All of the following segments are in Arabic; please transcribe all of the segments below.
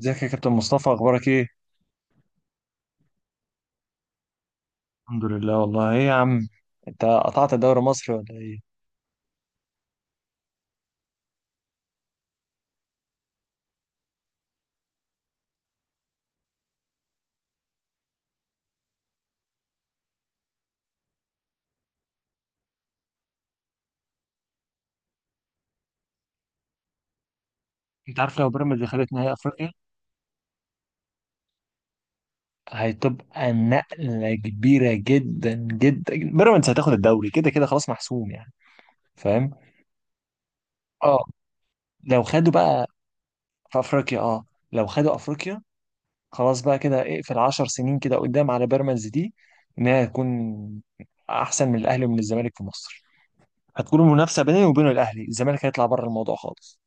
ازيك يا كابتن مصطفى، اخبارك ايه؟ الحمد لله والله، ايه يا عم. انت قطعت الدوري المصري ولا ايه؟ انت عارف، لو بيراميدز دخلت نهائي افريقيا هتبقى نقلة كبيرة جدا جدا، بيراميدز هتاخد الدوري كده كده، خلاص محسوم يعني. فاهم؟ اه. لو خدوا بقى في افريقيا، لو خدوا افريقيا خلاص بقى كده، اقفل 10 سنين كده قدام على بيراميدز دي، انها تكون احسن من الاهلي ومن الزمالك في مصر. هتكون المنافسة بيني وبين الاهلي، الزمالك هيطلع بره الموضوع خالص.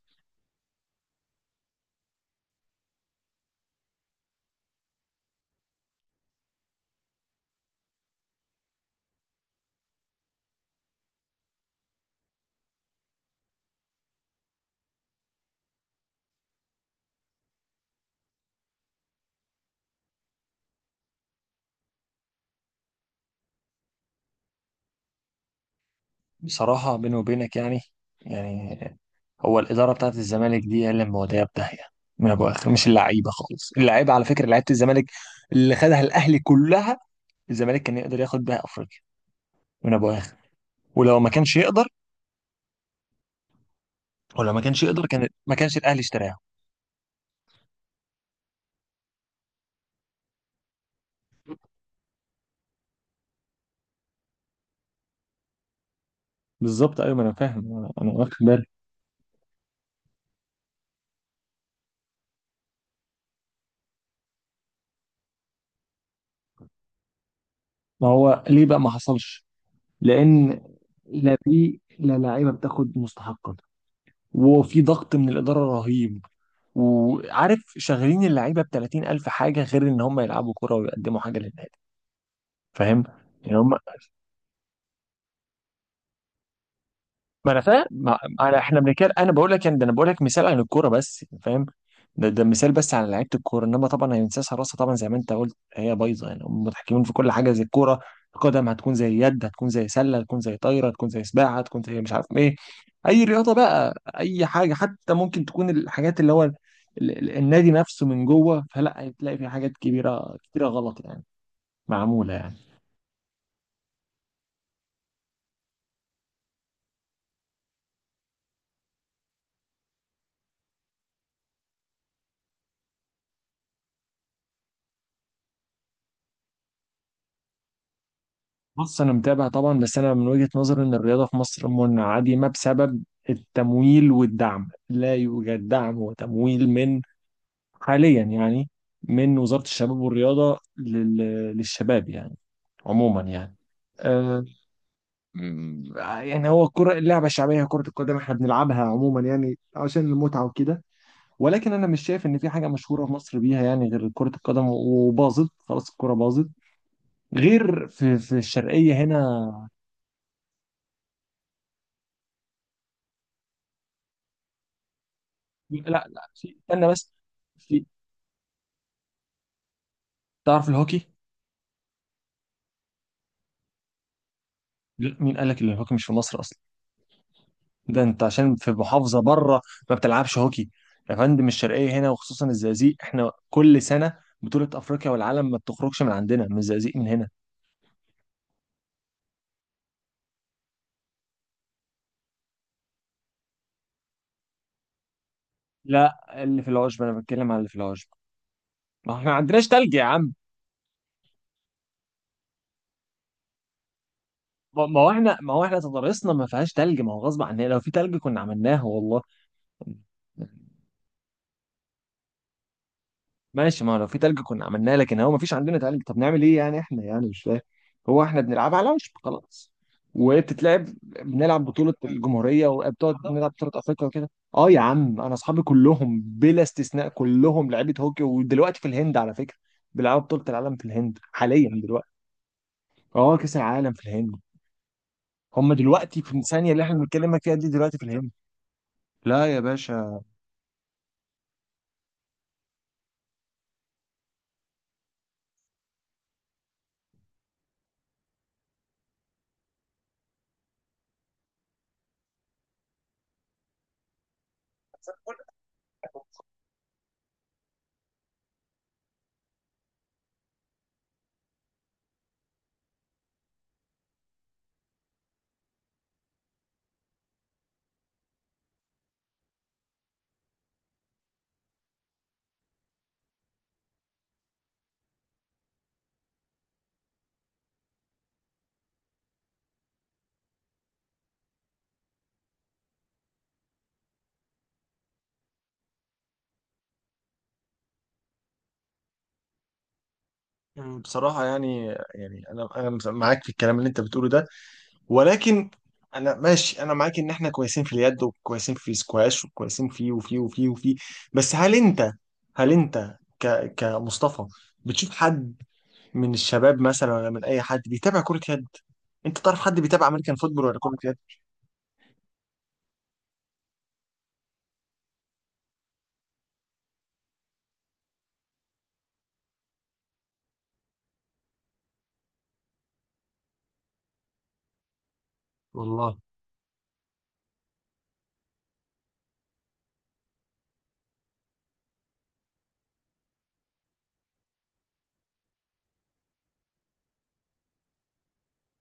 بصراحة بيني وبينك يعني، يعني هو الإدارة بتاعت الزمالك دي هي اللي مودية في داهية من أبو آخر. مش اللعيبة خالص، اللعيبة على فكرة، لعيبة الزمالك اللي خدها الأهلي كلها. الزمالك كان يقدر ياخد بيها أفريقيا من أبو آخر. ولو ما كانش يقدر ولو ما كانش يقدر كان ما كانش الأهلي اشتراها. بالظبط أيوة، ما أنا فاهم، أنا واخد بالي. ما هو ليه بقى ما حصلش؟ لأن لا، لعيبة بتاخد مستحقها، وفي ضغط من الإدارة رهيب، وعارف شغالين اللعيبه ب 30,000 حاجه غير ان هم يلعبوا كوره ويقدموا حاجه للنادي. فاهم؟ يعني هم. ما انا فاهم، ما... انا، احنا بنتكلم، انا بقول لك ده، انا بقول لك مثال عن الكوره بس. فاهم؟ ده مثال بس على لعيبه الكوره، انما طبعا هي نسيان حراسه. طبعا زي ما انت قلت هي بايظه يعني، هم متحكمين في كل حاجه، زي الكوره، القدم هتكون زي يد، هتكون زي سله، هتكون زي طايره، هتكون زي سباحه، هتكون زي مش عارف ايه، اي رياضه بقى، اي حاجه. حتى ممكن تكون الحاجات اللي هو النادي نفسه من جوه. فلا هتلاقي في حاجات كبيره كتيره غلط يعني، معموله يعني. بص، انا متابع طبعا، بس انا من وجهة نظري ان الرياضه في مصر منعدمه بسبب التمويل والدعم. لا يوجد دعم وتمويل من، حاليا يعني، من وزارة الشباب والرياضه للشباب يعني، عموما يعني. آه. يعني هو الكرة اللعبة الشعبية، كرة القدم احنا بنلعبها عموما يعني عشان المتعة وكده، ولكن انا مش شايف ان في حاجة مشهورة في مصر بيها يعني غير كرة القدم، وباظت خلاص، الكرة باظت. غير في الشرقية هنا. لا لا. في، استنى بس، في، تعرف الهوكي؟ لا، مين قال لك ان الهوكي مش في مصر اصلا؟ ده انت عشان في محافظه بره ما بتلعبش هوكي. يا فندم، الشرقيه هنا وخصوصا الزقازيق، احنا كل سنه بطوله افريقيا والعالم ما بتخرجش من عندنا، من الزقازيق، من هنا. لا، اللي في العشب، انا بتكلم على اللي في العشب. ما احنا ما عندناش تلج يا عم. ما هو احنا تضاريسنا ما فيهاش تلج، ما هو غصب عننا، لو في تلج كنا عملناه والله. ماشي، ما هو لو في تلج كنا عملناه، لكن هو ما فيش عندنا تلج. طب نعمل ايه يعني احنا، يعني مش فاهم. هو احنا بنلعب على وشب خلاص. بنلعب بطولة الجمهورية، وبتقعد نلعب بطولة أفريقيا وكده. اه يا عم، أنا أصحابي كلهم بلا استثناء كلهم لعيبة هوكي، ودلوقتي في الهند على فكرة بيلعبوا بطولة العالم في الهند حاليا دلوقتي. اه، كأس العالم في الهند. هم دلوقتي في الثانية اللي احنا بنتكلم فيها دي دلوقتي في الهند. لا يا باشا. بصراحة يعني، أنا معاك في الكلام اللي أنت بتقوله ده، ولكن انا ماشي، انا معاك ان احنا كويسين في اليد، وكويسين في السكواش، وكويسين في وفي وفي وفي بس هل انت، كمصطفى بتشوف حد من الشباب مثلا، ولا من اي حد بيتابع كرة يد؟ انت تعرف حد بيتابع امريكان فوتبول ولا كرة يد؟ والله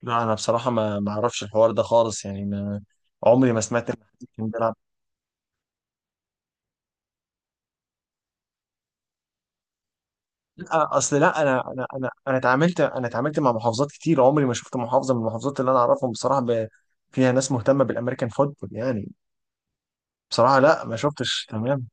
لا، انا بصراحة ما اعرفش الحوار ده خالص يعني، ما عمري ما سمعت ان حد كان بيلعب. لا اصل، لا، انا اتعاملت، اتعاملت مع محافظات كتير. عمري ما شفت محافظه من المحافظات اللي انا اعرفهم بصراحه فيها ناس مهتمه بالامريكان فوتبول يعني. بصراحه لا، ما شفتش. تمام،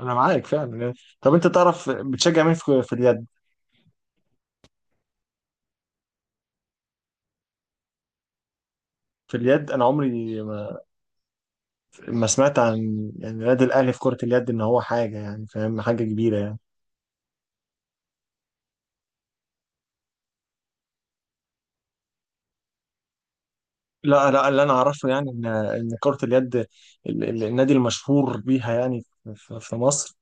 انا معاك فعلا. طب انت تعرف بتشجع مين في اليد؟ في اليد انا عمري ما سمعت عن يعني نادي الاهلي في كره اليد ان هو حاجه يعني، فاهم، حاجه كبيره يعني. لا لا، اللي انا اعرفه يعني ان كرة اليد، النادي المشهور بيها يعني في مصر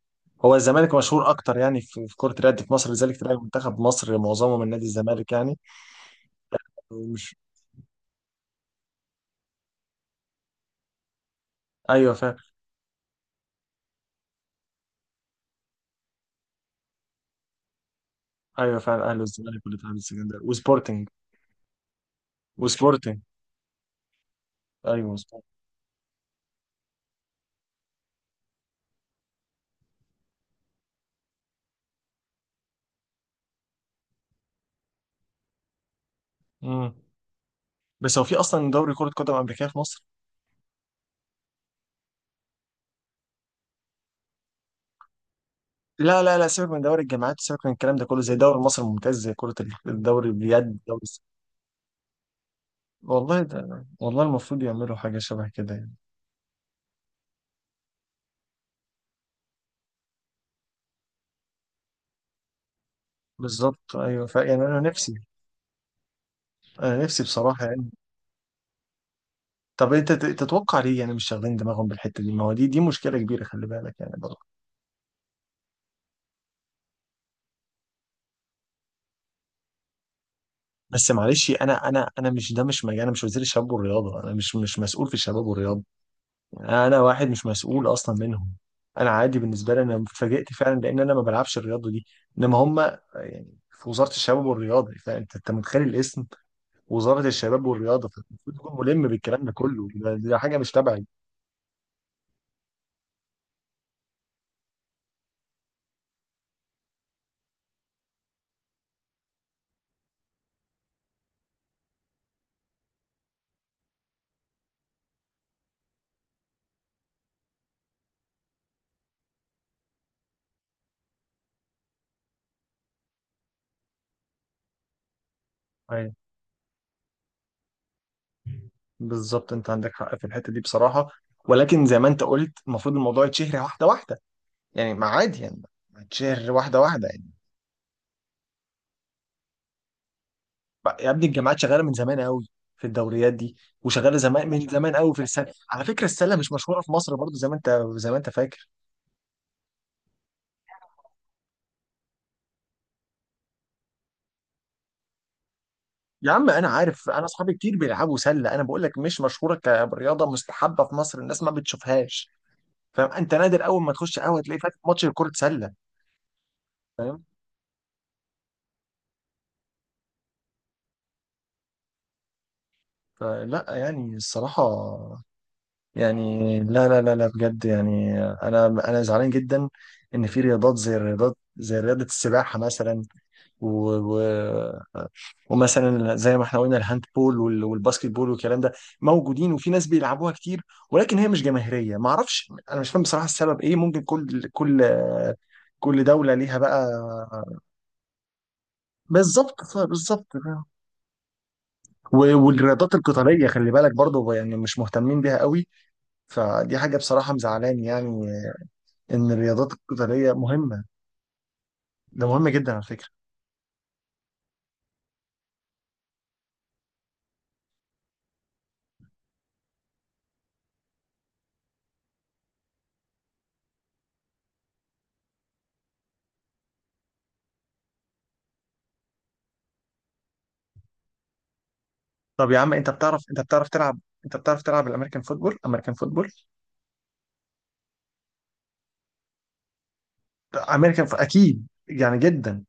هو الزمالك. مشهور اكتر يعني في كرة اليد في مصر، لذلك تلاقي منتخب مصر معظمه من نادي الزمالك يعني. ومش ايوه فعلا. ايوه فعلا، اهلي والزمالك والاتحاد السكندري وسبورتنج، وسبورتنج. ايوه سبورتنج. امم بس هو في اصلا دوري كرة قدم امريكيه في مصر؟ لا لا لا، سيبك من دوري الجامعات، سيبك من الكلام ده كله، زي دوري مصر الممتاز، زي كرة الدوري، اليد، دوري والله، ده والله المفروض يعملوا حاجة شبه كده يعني. بالظبط ايوه، يعني انا نفسي، انا نفسي بصراحه يعني. طب انت تتوقع ليه يعني مش شاغلين دماغهم بالحته دي؟ ما هو دي مشكله كبيره، خلي بالك يعني برضه. بس معلش، انا مش، ده مش مجال، انا مش وزير الشباب والرياضه، انا مش مسؤول في الشباب والرياضه، يعني انا واحد مش مسؤول اصلا منهم. انا عادي بالنسبه لي، انا اتفاجئت فعلا لان انا ما بلعبش الرياضه دي، انما هم يعني في وزاره الشباب والرياضه. فانت متخيل الاسم، وزاره الشباب والرياضه، فالمفروض تكون ملم بالكلام ده كله. ده حاجه مش تبعي. أيوة. بالظبط، انت عندك حق في الحته دي بصراحه، ولكن زي ما انت قلت المفروض الموضوع يتشهر واحده واحده يعني، ما عادي يعني، ما يتشهر واحده واحده يعني. يا ابني، الجامعات شغاله من زمان قوي في الدوريات دي، وشغاله زمان، من زمان قوي في السله على فكره. السله مش مشهوره في مصر برضو، زي ما انت فاكر. يا عم انا عارف، انا اصحابي كتير بيلعبوا سله، انا بقول لك مش مشهوره كرياضه مستحبه في مصر، الناس ما بتشوفهاش. فاهم؟ انت نادر اول ما تخش قهوه تلاقي فاتح ماتش كره سله. فاهم؟ فلا يعني الصراحه، يعني لا لا لا لا، بجد يعني انا زعلان جدا ان في رياضات زي، الرياضات زي رياضه السباحه مثلا، و... و... ومثلا زي ما احنا قلنا الهاند بول والباسكت بول والكلام ده، موجودين وفي ناس بيلعبوها كتير، ولكن هي مش جماهيريه ما اعرفش. انا مش فاهم بصراحه السبب ايه، ممكن كل كل دوله ليها بقى. بالظبط، بالظبط. والرياضات القتاليه خلي بالك برضو، يعني مش مهتمين بيها قوي، فدي حاجه بصراحه مزعلاني يعني ان الرياضات القتاليه مهمه، ده مهم جدا على فكره. طب يا عم، انت بتعرف، تلعب، انت بتعرف تلعب الامريكان فوتبول؟ امريكان فوتبول، اكيد يعني جدا.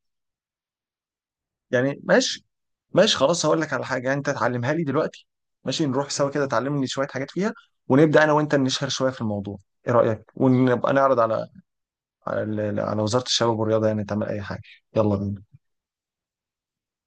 يعني ماشي، ماشي خلاص، هقول لك على حاجه يعني انت تعلمها لي دلوقتي. ماشي، نروح سوا كده تعلمني شويه حاجات فيها، ونبدا انا وانت نشهر شويه في الموضوع. ايه رايك؟ ونبقى نعرض على، على وزاره الشباب والرياضه يعني تعمل اي حاجه. يلا بينا.